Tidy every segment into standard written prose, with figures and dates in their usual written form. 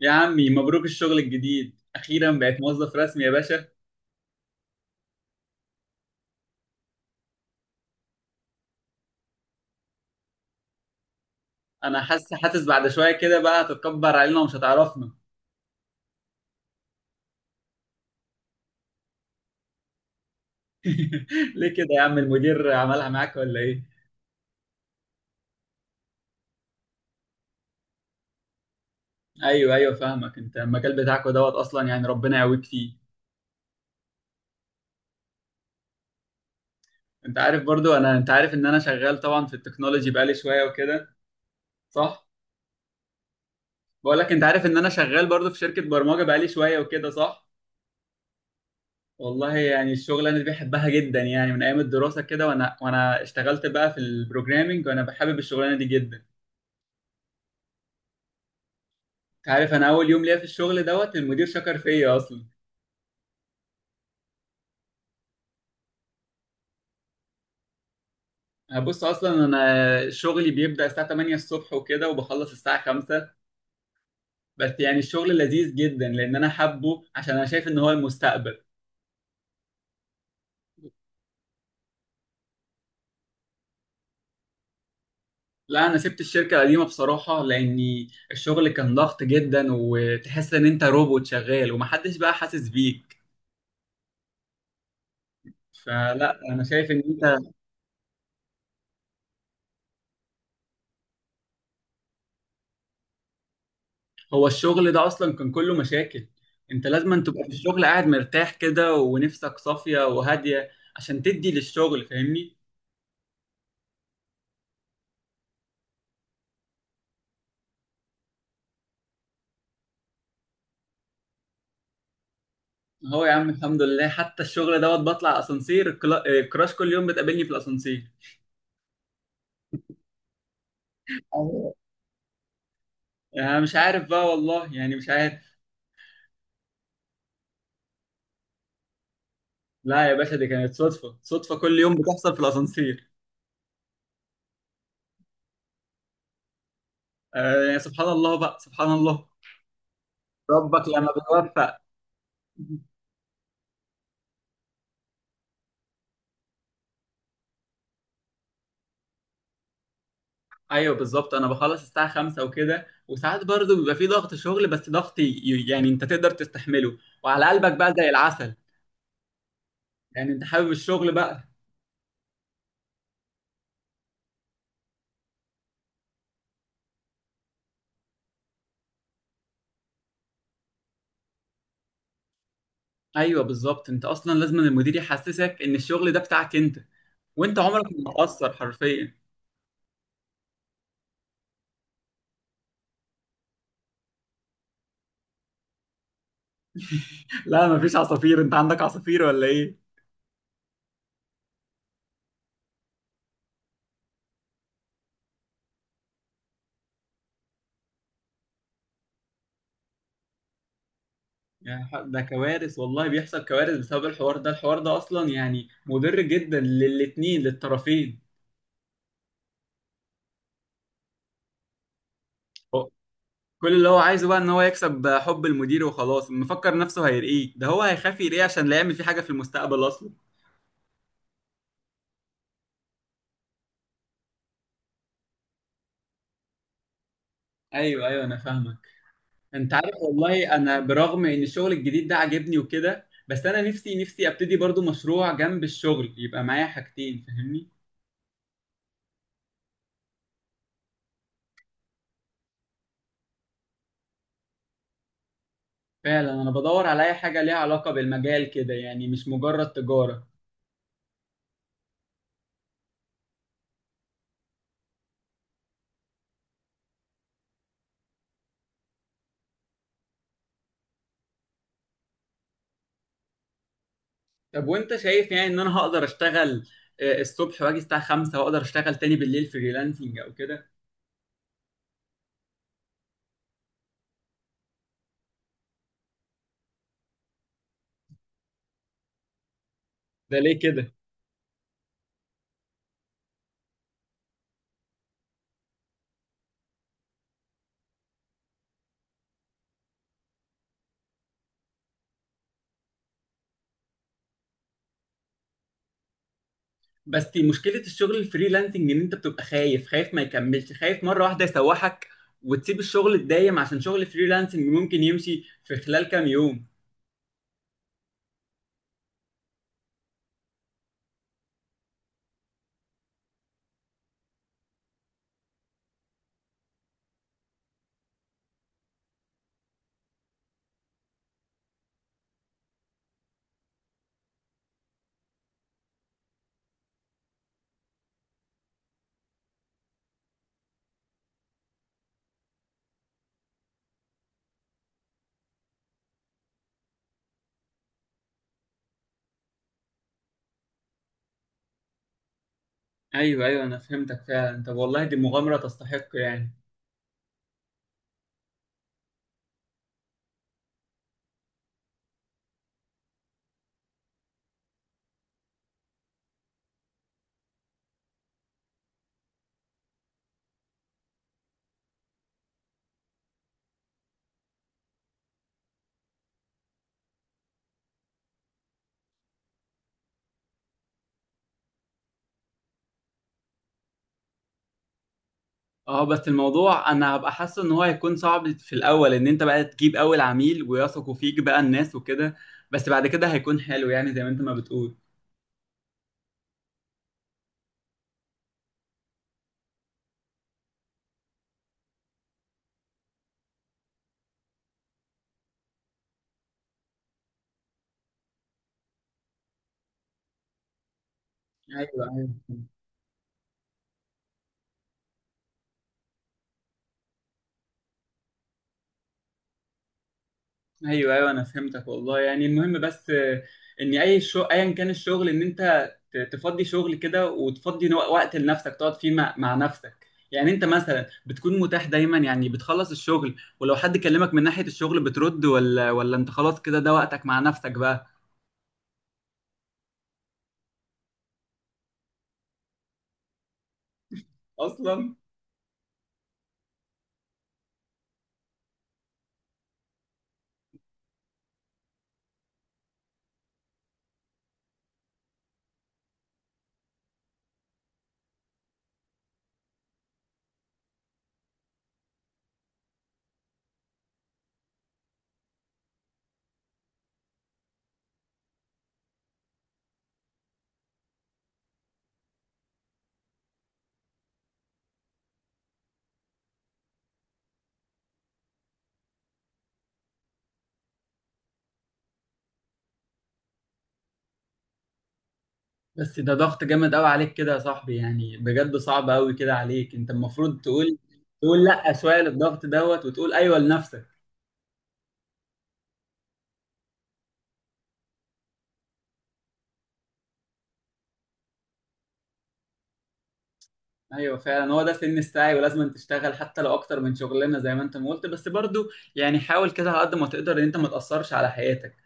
يا عمي مبروك الشغل الجديد، اخيرا بقيت موظف رسمي يا باشا. انا حاسس بعد شويه كده بقى هتتكبر علينا ومش هتعرفنا. ليه كده يا عم؟ المدير عملها معاك ولا ايه؟ ايوه ايوه، فاهمك. انت المجال بتاعك دوت اصلا، يعني ربنا يقويك فيه. انت عارف برضو انت عارف ان انا شغال طبعا في التكنولوجي بقالي شويه وكده، صح؟ بقول لك، انت عارف ان انا شغال برضو في شركه برمجه بقالي شويه وكده، صح؟ والله يعني الشغل انا بحبها جدا، يعني من ايام الدراسه كده، وانا اشتغلت بقى في البروجرامينج وانا بحابب الشغلانه دي جدا. عارف، انا اول يوم ليا في الشغل دوت المدير شكر فيا اصلا. هبص، اصلا انا شغلي بيبدا الساعه 8 الصبح وكده وبخلص الساعه 5. بس يعني الشغل لذيذ جدا لان انا حابه، عشان انا شايف ان هو المستقبل. لا انا سبت الشركه القديمه بصراحه لاني الشغل كان ضغط جدا، وتحس ان انت روبوت شغال ومحدش بقى حاسس بيك. فلا انا شايف ان انت... هو الشغل ده اصلا كان كله مشاكل. انت لازم أن تبقى في الشغل قاعد مرتاح كده ونفسك صافية وهادية، عشان تدي للشغل، فاهمني؟ هو يا عم الحمد لله، حتى الشغل دوت بطلع اسانسير، الكراش كل يوم بتقابلني في الاسانسير. أيوة. انا مش عارف بقى والله، يعني مش عارف. لا يا باشا، دي كانت صدفة، صدفة كل يوم بتحصل في الاسانسير. آه يعني سبحان الله بقى، سبحان الله. ربك لما بيوفق. ايوه بالظبط، انا بخلص الساعه 5 وكده، وساعات برضو بيبقى في ضغط شغل، بس ضغط يعني انت تقدر تستحمله، وعلى قلبك بقى زي العسل. يعني انت حابب الشغل بقى. ايوه بالظبط، انت اصلا لازم المدير يحسسك ان الشغل ده بتاعك انت، وانت عمرك ما هتأثر حرفيا. لا مفيش عصافير، انت عندك عصافير ولا ايه؟ يعني ده كوارث، والله بيحصل كوارث بسبب الحوار ده، الحوار ده اصلا يعني مضر جدا للاتنين، للطرفين. كل اللي هو عايزه بقى ان هو يكسب حب المدير وخلاص، مفكر نفسه هيرقيه. ده هو هيخاف يرقيه عشان لا يعمل فيه حاجه في المستقبل اصلا. ايوه ايوه، انا فاهمك. انت عارف والله، انا برغم ان الشغل الجديد ده عاجبني وكده، بس انا نفسي نفسي ابتدي برضو مشروع جنب الشغل يبقى معايا حاجتين، فاهمني؟ فعلا انا بدور على اي حاجه ليها علاقه بالمجال كده، يعني مش مجرد تجاره. طب وانت شايف يعني ان انا هقدر اشتغل الصبح واجي الساعه 5 واقدر اشتغل تاني بالليل فريلانسنج او كده؟ ده ليه كده؟ بس دي مشكلة الشغل الفريلانسنج، ان انت بتبقى خايف، خايف ما يكملش، خايف مرة واحدة يسوحك وتسيب الشغل الدايم عشان شغل الفريلانسنج ممكن يمشي في خلال كام يوم. ايوه ايوه، انا فهمتك فعلا. طب والله دي مغامرة تستحق يعني. اه بس الموضوع، انا هبقى حاسه ان هو هيكون صعب في الاول، ان انت بقى تجيب اول عميل ويثقوا فيك بقى الناس وكده. بس بعد كده هيكون حلو يعني، زي ما انت ما بتقول. ايوه ايوه ايوه ايوه، انا فهمتك والله. يعني المهم بس، ان اي ايا كان الشغل، ان انت تفضي شغل كده وتفضي وقت لنفسك تقعد فيه مع نفسك. يعني انت مثلا بتكون متاح دايما، يعني بتخلص الشغل ولو حد كلمك من ناحية الشغل بترد، ولا انت خلاص كده، ده وقتك مع نفسك بقى. اصلا. بس ده ضغط جامد قوي عليك كده يا صاحبي، يعني بجد صعب قوي كده عليك. انت المفروض تقول لا شوية للضغط دوت، وتقول ايوه لنفسك. ايوه فعلا، هو ده سن السعي ولازم تشتغل حتى لو اكتر من شغلانه زي ما انت ما قلت، بس برضو يعني حاول كده على قد ما تقدر ان انت ما تاثرش على حياتك.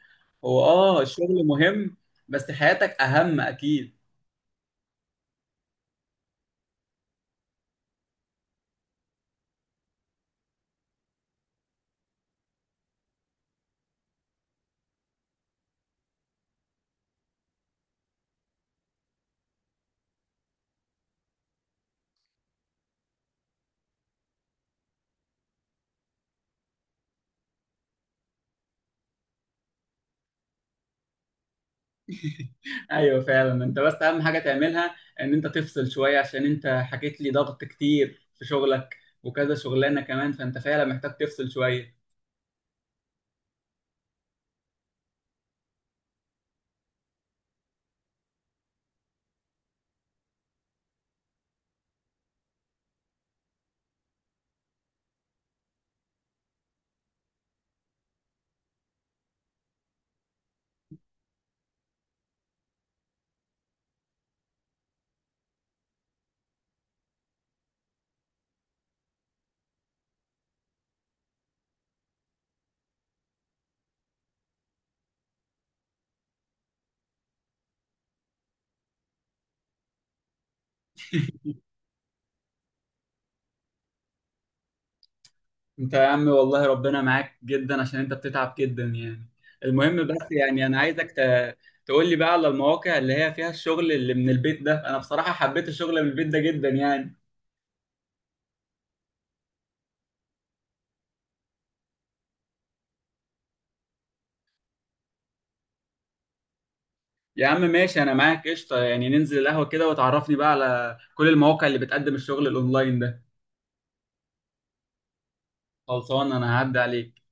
هو اه، الشغل مهم بس حياتك اهم اكيد. ايوه فعلا، انت بس اهم حاجه تعملها ان انت تفصل شويه، عشان انت حكيت لي ضغط كتير في شغلك وكذا شغلانه كمان، فانت فعلا محتاج تفصل شويه. انت يا عم والله ربنا معاك جدا عشان انت بتتعب جدا يعني. المهم بس يعني انا عايزك ت... تقول لي بقى على المواقع اللي هي فيها الشغل اللي من البيت ده. انا بصراحة حبيت الشغل من البيت ده جدا يعني. يا عم ماشي، انا معاك قشطة يعني. ننزل القهوة كده وتعرفني بقى على كل المواقع اللي بتقدم الشغل الاونلاين ده. خلصان، انا هعدي عليك.